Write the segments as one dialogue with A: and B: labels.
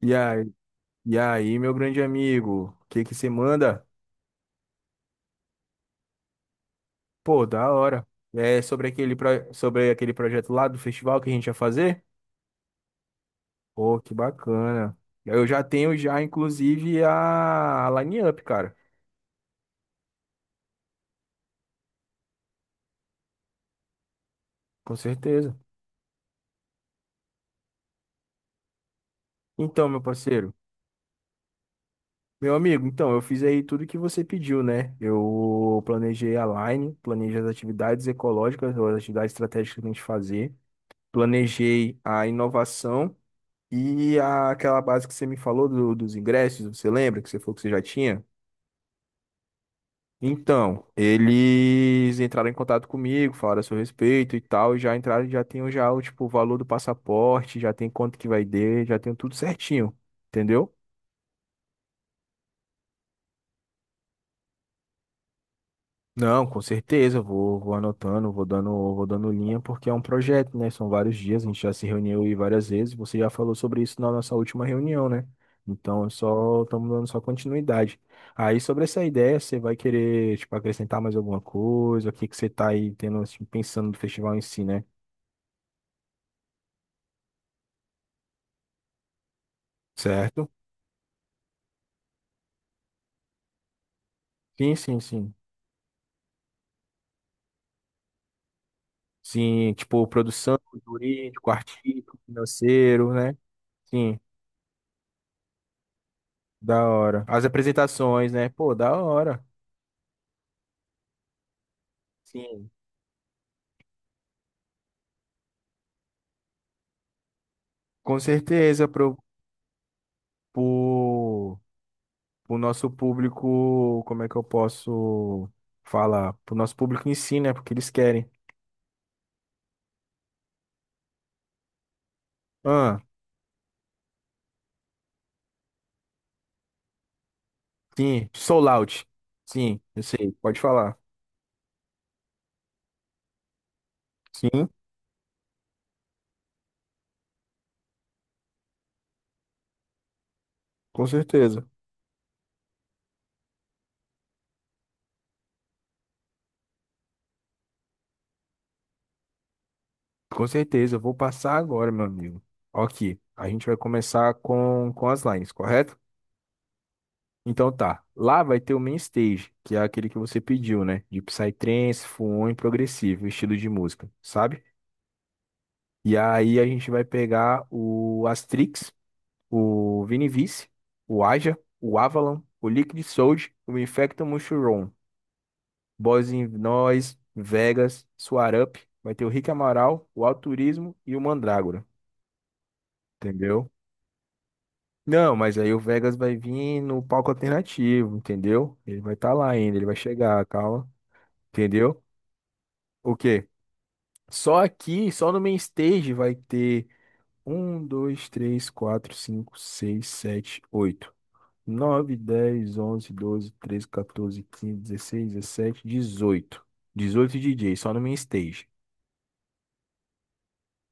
A: E aí, e aí, meu grande amigo, o que que você manda? Pô, da hora. É sobre aquele projeto lá do festival que a gente ia fazer? Pô, que bacana. Eu já tenho já, inclusive, a line-up, cara. Com certeza. Então, meu parceiro, meu amigo, então, eu fiz aí tudo que você pediu, né? Eu planejei as atividades ecológicas, ou as atividades estratégicas que a gente fazer, planejei a inovação. Aquela base que você me falou dos ingressos, você lembra que você falou que você já tinha? Então, eles entraram em contato comigo, falaram a seu respeito e tal, e já entraram, já tenho já o tipo o valor do passaporte, já tem quanto que vai ter, já tenho tudo certinho, entendeu? Não, com certeza, eu vou anotando, vou dando linha, porque é um projeto, né? São vários dias, a gente já se reuniu aí várias vezes, você já falou sobre isso na nossa última reunião, né? Então, é só estamos dando só continuidade. Aí, sobre essa ideia, você vai querer, tipo, acrescentar mais alguma coisa? O que que você tá aí tendo, assim, pensando do festival em si, né? Certo? Sim, sim, sim. Sim, tipo, produção, jurídico, artístico, financeiro, né? Sim, da hora. As apresentações, né? Pô, da hora. Sim. Com certeza, pro, pro nosso público, como é que eu posso falar? Pro nosso público em si, né? Porque eles querem. Ah, sim, sou out. Sim, eu sei, pode falar. Sim, com certeza. Com certeza, eu vou passar agora, meu amigo. Ok, a gente vai começar com as lines, correto? Então tá, lá vai ter o main stage, que é aquele que você pediu, né? De psytrance, full e progressivo, estilo de música, sabe? E aí a gente vai pegar o Astrix, o Vinivice, o Aja, o Avalon, o Liquid Soldier, o Infecto Mushroom, Boss in Noise, Vegas, Suarup, vai ter o Rick Amaral, o Alturismo e o Mandrágora, entendeu? Não, mas aí o Vegas vai vir no palco alternativo, entendeu? Ele vai estar lá ainda, ele vai chegar, calma, entendeu? O quê? Só aqui, só no main stage vai ter um, dois, três, quatro, cinco, seis, sete, oito, nove, dez, onze, doze, 12, 13, quinze, dezesseis, dezessete, dezoito, 18 DJs, só no main stage.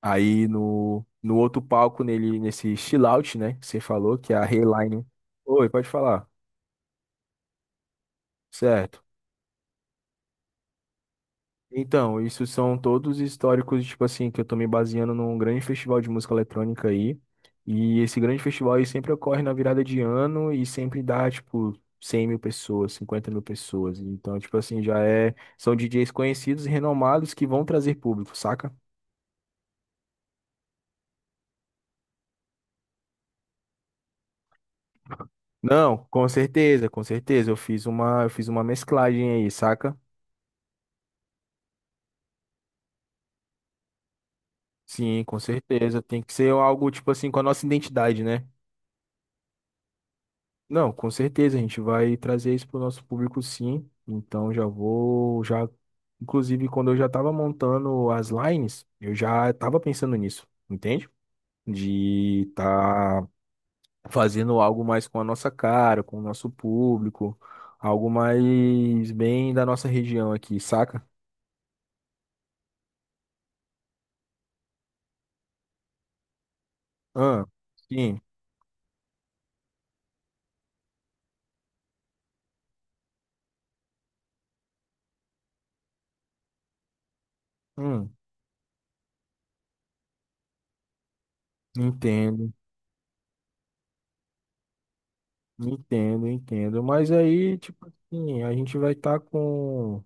A: Aí no, no outro palco, nele, nesse chill out, né? Que você falou que é a Rayline. Oi, pode falar. Certo. Então, isso são todos históricos, tipo assim, que eu tô me baseando num grande festival de música eletrônica aí. E esse grande festival aí sempre ocorre na virada de ano e sempre dá, tipo, 100 mil pessoas, 50 mil pessoas. Então, tipo assim, já é... São DJs conhecidos e renomados que vão trazer público, saca? Não, com certeza, com certeza. Eu fiz uma mesclagem aí, saca? Sim, com certeza. Tem que ser algo, tipo assim, com a nossa identidade, né? Não, com certeza, a gente vai trazer isso para o nosso público sim. Então já vou, já, inclusive quando eu já estava montando as lines, eu já estava pensando nisso, entende? De estar fazendo algo mais com a nossa cara, com o nosso público, algo mais bem da nossa região aqui, saca? Ah, sim, hum, entendo, entendo, entendo. Mas aí, tipo assim, a gente vai estar com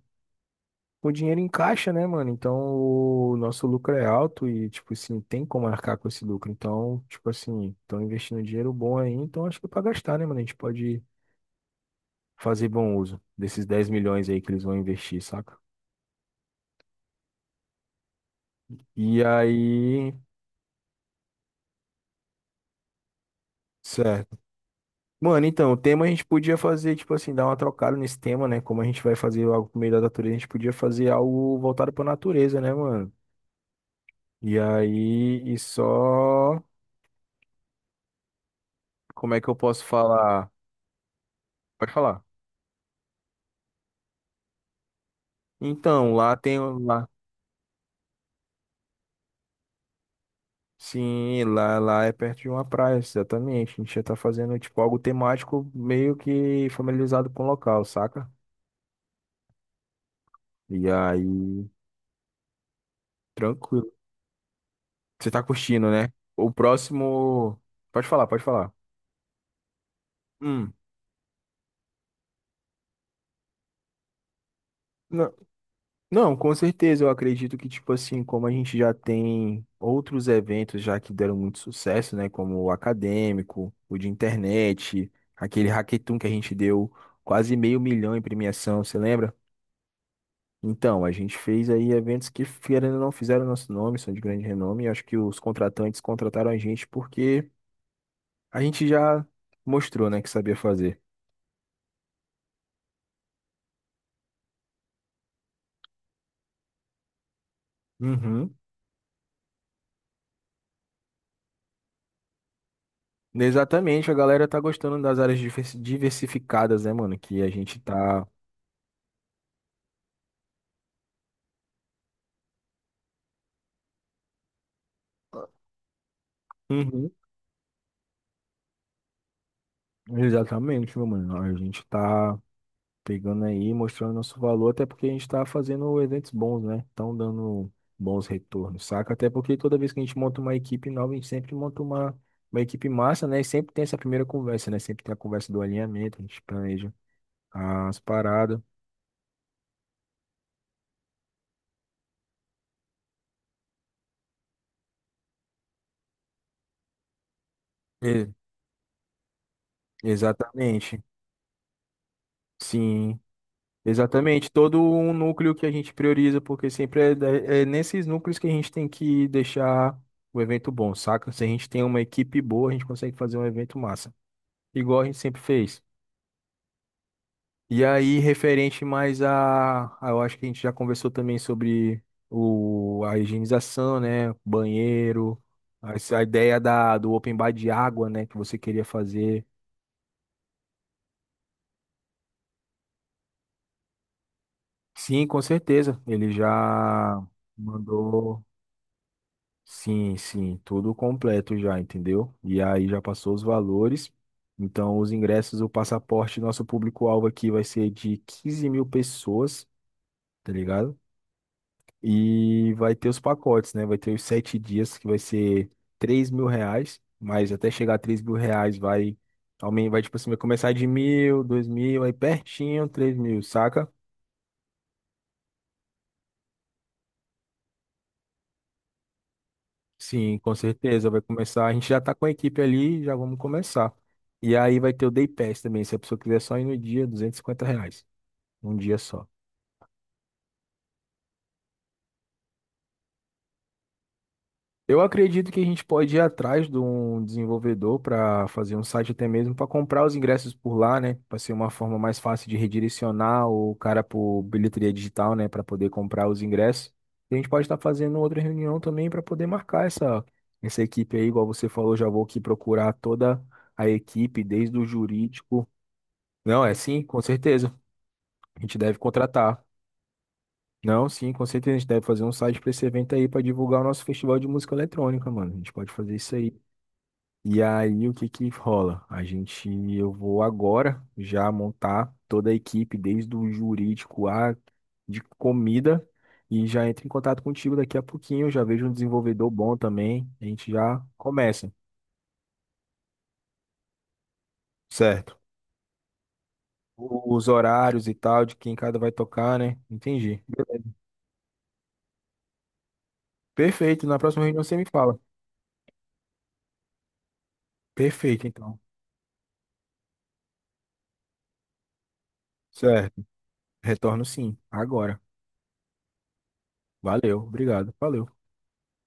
A: o dinheiro encaixa, né, mano? Então o nosso lucro é alto e, tipo assim, tem como arcar com esse lucro. Então, tipo assim, estão investindo dinheiro bom aí, então acho que é pra gastar, né, mano? A gente pode fazer bom uso desses 10 milhões aí que eles vão investir, saca? E aí, certo. Mano, então, o tema a gente podia fazer, tipo assim, dar uma trocada nesse tema, né? Como a gente vai fazer algo por meio da natureza, a gente podia fazer algo voltado pra natureza, né, mano? E aí, e só. Como é que eu posso falar? Pode falar. Então, lá tem um, lá. Sim, lá, lá é perto de uma praia, exatamente. A gente já tá fazendo tipo algo temático meio que familiarizado com o local, saca? E aí, tranquilo. Você tá curtindo, né? O próximo. Pode falar, pode falar. Hum. Não, não, com certeza. Eu acredito que, tipo assim, como a gente já tem outros eventos já que deram muito sucesso, né? Como o acadêmico, o de internet, aquele hackathon que a gente deu quase meio milhão em premiação, você lembra? Então, a gente fez aí eventos que, querendo ou não, fizeram nosso nome, são de grande renome. Eu acho que os contratantes contrataram a gente porque a gente já mostrou, né, que sabia fazer. Uhum. Exatamente, a galera tá gostando das áreas diversificadas, né, mano? Que a gente tá. Uhum. Exatamente, meu mano. A gente tá pegando aí, mostrando nosso valor, até porque a gente está fazendo eventos bons, né? Estão dando bons retornos, saca? Até porque toda vez que a gente monta uma equipe nova, a gente sempre monta uma equipe massa, né? E sempre tem essa primeira conversa, né? Sempre tem a conversa do alinhamento, a gente planeja as paradas. E- Exatamente, sim. Exatamente, todo um núcleo que a gente prioriza, porque sempre é, é nesses núcleos que a gente tem que deixar o evento bom, saca? Se a gente tem uma equipe boa, a gente consegue fazer um evento massa, igual a gente sempre fez. E aí, referente mais eu acho que a gente já conversou também sobre o, a, higienização, né? Banheiro, a, essa ideia da, do open bar de água, né? Que você queria fazer. Sim, com certeza. Ele já mandou. Sim, sim, tudo completo já, entendeu? E aí já passou os valores. Então, os ingressos, o passaporte, nosso público-alvo aqui vai ser de 15 mil pessoas, tá ligado? E vai ter os pacotes, né? Vai ter os 7 dias, que vai ser R$ 3 mil, mas até chegar a 3 mil reais vai, vai tipo assim, vai começar de mil, 2 mil, aí pertinho, 3 mil, saca? Sim, com certeza, vai começar. A gente já tá com a equipe ali, já vamos começar. E aí vai ter o Day Pass também, se a pessoa quiser só ir no dia, R$ 250, um dia só. Eu acredito que a gente pode ir atrás de um desenvolvedor para fazer um site até mesmo para comprar os ingressos por lá, né? Para ser uma forma mais fácil de redirecionar o cara por bilheteria digital, né? Para poder comprar os ingressos. E a gente pode estar fazendo outra reunião também para poder marcar essa equipe aí, igual você falou, já vou aqui procurar toda a equipe, desde o jurídico. Não, é sim, com certeza. A gente deve contratar. Não, sim, com certeza. A gente deve fazer um site para esse evento aí para divulgar o nosso festival de música eletrônica, mano. A gente pode fazer isso aí. E aí, o que que rola? A gente, eu vou agora já montar toda a equipe, desde o jurídico a de comida, e já entro em contato contigo daqui a pouquinho. Já vejo um desenvolvedor bom também. A gente já começa, certo? Os horários e tal, de quem cada vai tocar, né? Entendi. Perfeito. Na próxima reunião você me fala. Perfeito, então. Certo. Retorno sim, agora. Valeu, obrigado. Valeu.